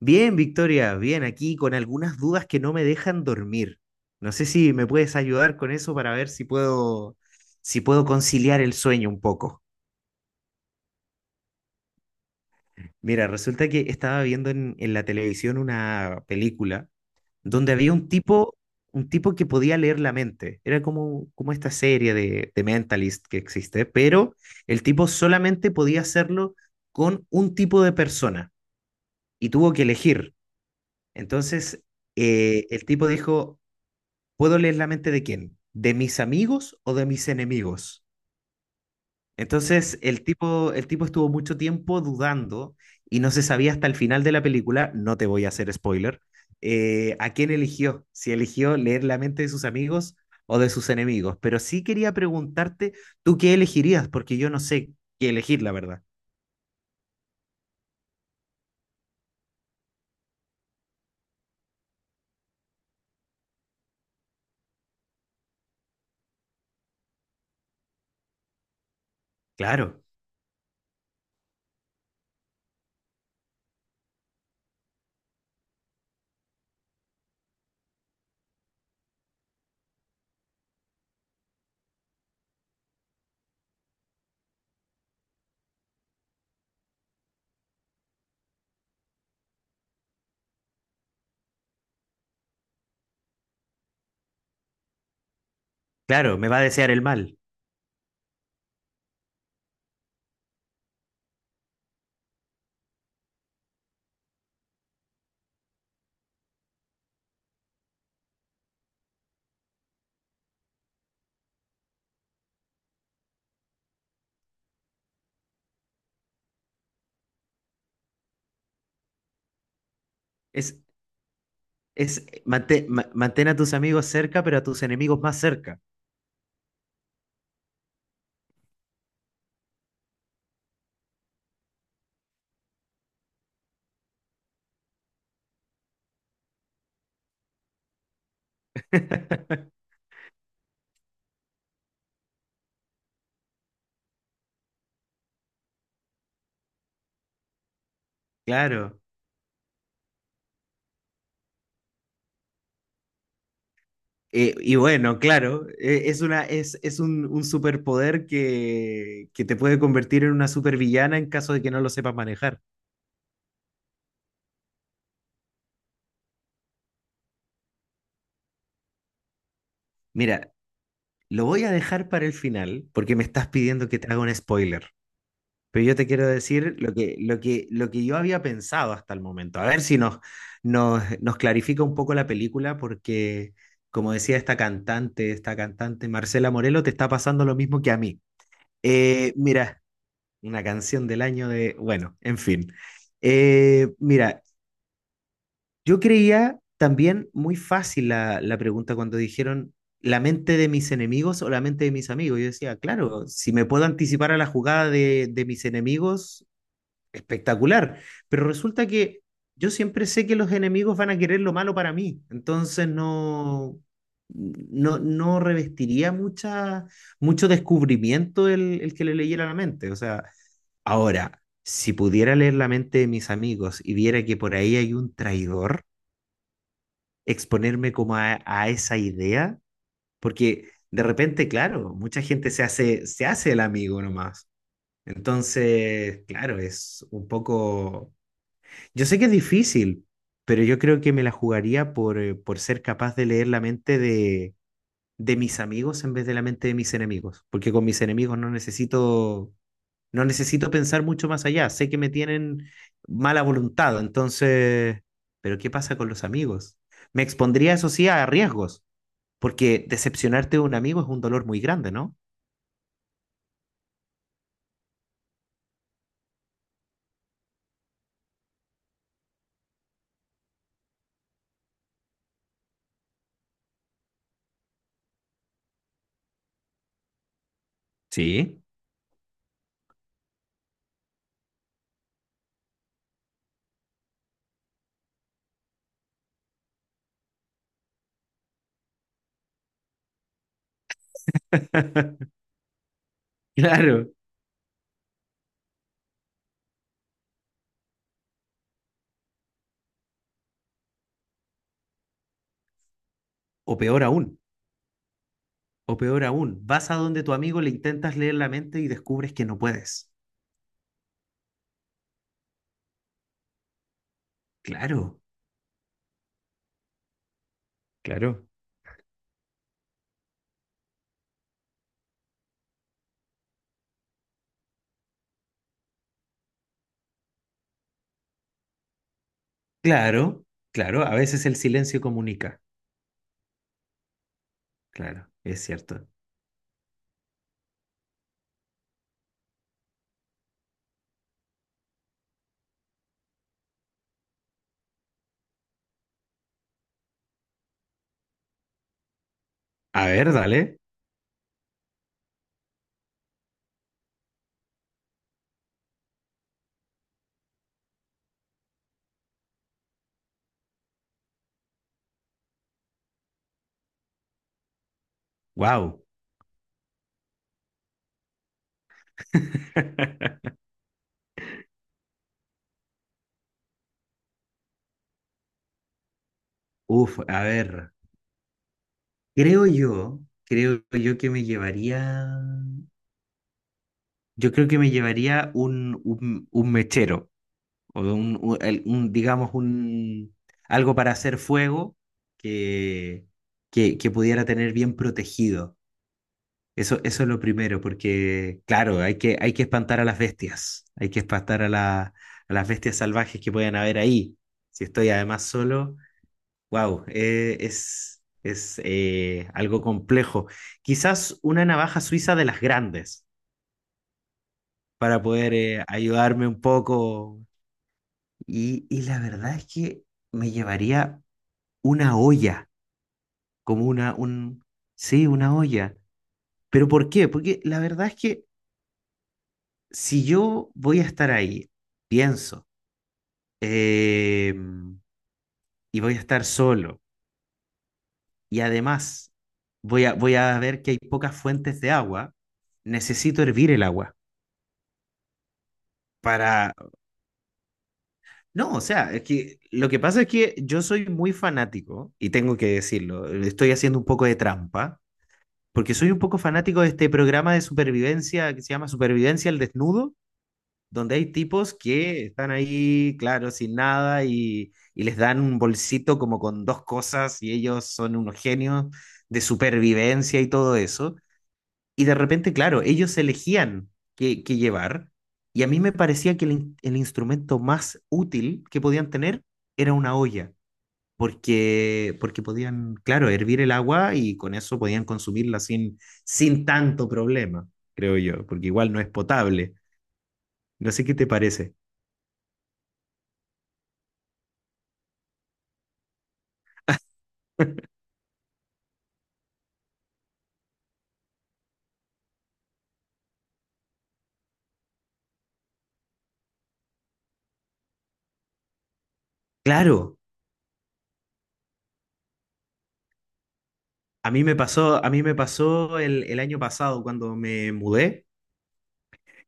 Bien, Victoria, bien, aquí con algunas dudas que no me dejan dormir. No sé si me puedes ayudar con eso para ver si puedo, si puedo conciliar el sueño un poco. Mira, resulta que estaba viendo en la televisión una película donde había un tipo que podía leer la mente. Era como, como esta serie de Mentalist que existe, pero el tipo solamente podía hacerlo con un tipo de persona y tuvo que elegir. Entonces, el tipo dijo, ¿puedo leer la mente de quién? ¿De mis amigos o de mis enemigos? Entonces, el tipo estuvo mucho tiempo dudando y no se sabía hasta el final de la película, no te voy a hacer spoiler, a quién eligió, si eligió leer la mente de sus amigos o de sus enemigos. Pero sí quería preguntarte, ¿tú qué elegirías? Porque yo no sé qué elegir, la verdad. Claro, claro, me va a desear el mal. Es, es, mantén, mantén a tus amigos cerca, pero a tus enemigos más cerca. Claro. Y bueno, claro, es, una, es un superpoder que te puede convertir en una supervillana en caso de que no lo sepas manejar. Mira, lo voy a dejar para el final porque me estás pidiendo que te haga un spoiler. Pero yo te quiero decir lo que, lo que, lo que yo había pensado hasta el momento. A ver si nos, nos, nos clarifica un poco la película porque, como decía esta cantante Marcela Morelo, te está pasando lo mismo que a mí. Mira, una canción del año de, bueno, en fin. Mira, yo creía también muy fácil la, la pregunta cuando dijeron la mente de mis enemigos o la mente de mis amigos. Yo decía, claro, si me puedo anticipar a la jugada de mis enemigos, espectacular. Pero resulta que yo siempre sé que los enemigos van a querer lo malo para mí. Entonces no, no, no revestiría mucha, mucho descubrimiento el que le leyera la mente. O sea, ahora, si pudiera leer la mente de mis amigos y viera que por ahí hay un traidor, exponerme como a esa idea, porque de repente, claro, mucha gente se hace el amigo nomás. Entonces, claro, es un poco... Yo sé que es difícil, pero yo creo que me la jugaría por ser capaz de leer la mente de mis amigos en vez de la mente de mis enemigos, porque con mis enemigos no necesito. No necesito pensar mucho más allá. Sé que me tienen mala voluntad, entonces, pero ¿qué pasa con los amigos? Me expondría, eso sí, a riesgos, porque decepcionarte de un amigo es un dolor muy grande, ¿no? Sí. Claro. O peor aún, o peor aún, vas a donde tu amigo le intentas leer la mente y descubres que no puedes. Claro. Claro. Claro, claro, a veces el silencio comunica. Claro, es cierto. A ver, dale. Wow. Uf, a ver. Creo yo que me llevaría, yo creo que me llevaría un, un mechero, o un, un, digamos, un, algo para hacer fuego que, que pudiera tener bien protegido. Eso es lo primero, porque claro, hay que espantar a las bestias, hay que espantar a, a las bestias salvajes que puedan haber ahí. Si estoy además solo, wow, es algo complejo. Quizás una navaja suiza de las grandes para poder ayudarme un poco. Y la verdad es que me llevaría una olla, como una, un, sí, una olla. ¿Pero por qué? Porque la verdad es que si yo voy a estar ahí, pienso, em, y voy a estar solo y además voy a, voy a ver que hay pocas fuentes de agua, necesito hervir el agua para... No, o sea, es que lo que pasa es que yo soy muy fanático, y tengo que decirlo, estoy haciendo un poco de trampa, porque soy un poco fanático de este programa de supervivencia que se llama Supervivencia al Desnudo, donde hay tipos que están ahí, claro, sin nada, y les dan un bolsito como con dos cosas, y ellos son unos genios de supervivencia y todo eso. Y de repente, claro, ellos elegían qué, qué llevar. Y a mí me parecía que el, el instrumento más útil que podían tener era una olla, porque, porque podían, claro, hervir el agua y con eso podían consumirla sin, sin tanto problema, creo yo, porque igual no es potable. No sé qué te parece. Claro, a mí me pasó, a mí me pasó el año pasado cuando me mudé.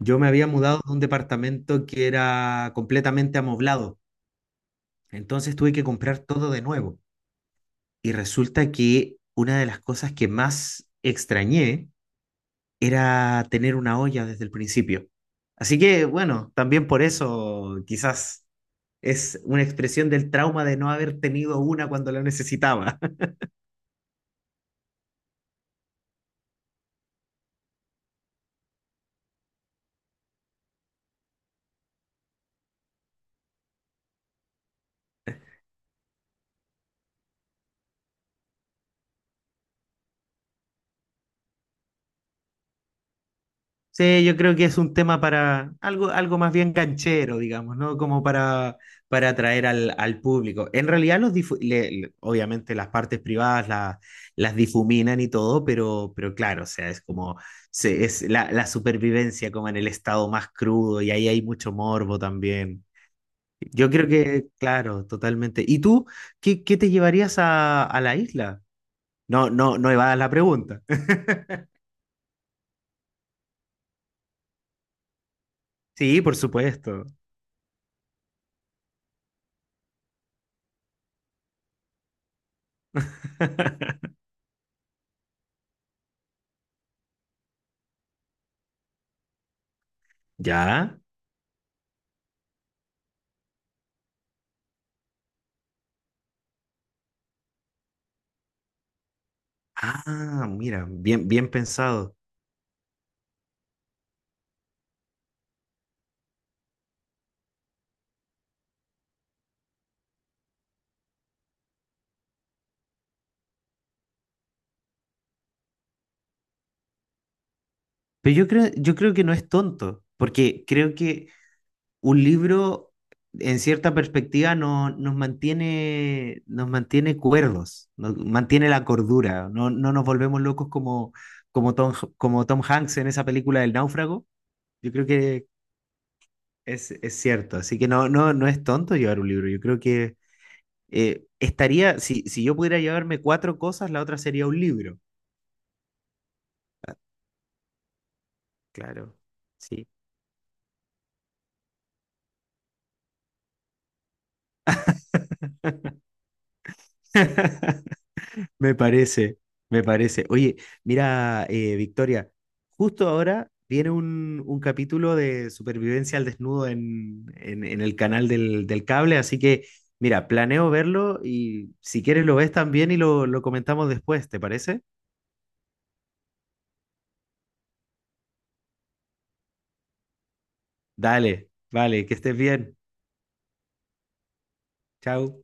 Yo me había mudado a un departamento que era completamente amoblado. Entonces tuve que comprar todo de nuevo. Y resulta que una de las cosas que más extrañé era tener una olla desde el principio. Así que bueno, también por eso quizás es una expresión del trauma de no haber tenido una cuando la necesitaba. Sí, yo creo que es un tema para algo, algo más bien canchero, digamos, ¿no? Como para atraer al, al público. En realidad, los obviamente las partes privadas las difuminan y todo, pero claro, o sea, es como es la, la supervivencia como en el estado más crudo y ahí hay mucho morbo también. Yo creo que, claro, totalmente. ¿Y tú qué, qué te llevarías a la isla? No, no, no evadas la pregunta. Sí, por supuesto. ¿Ya? Ah, mira, bien, bien pensado. Pero yo creo que no es tonto, porque creo que un libro, en cierta perspectiva, no, nos mantiene cuerdos, nos mantiene la cordura, no, no nos volvemos locos como, como Tom Hanks en esa película del náufrago. Yo creo que es cierto, así que no, no, no es tonto llevar un libro. Yo creo que estaría, si, si yo pudiera llevarme cuatro cosas, la otra sería un libro. Claro, sí. Me parece, me parece. Oye, mira, Victoria, justo ahora viene un capítulo de supervivencia al desnudo en el canal del, del cable, así que mira, planeo verlo y si quieres lo ves también y lo comentamos después, ¿te parece? Dale, vale, que estés bien. Chao.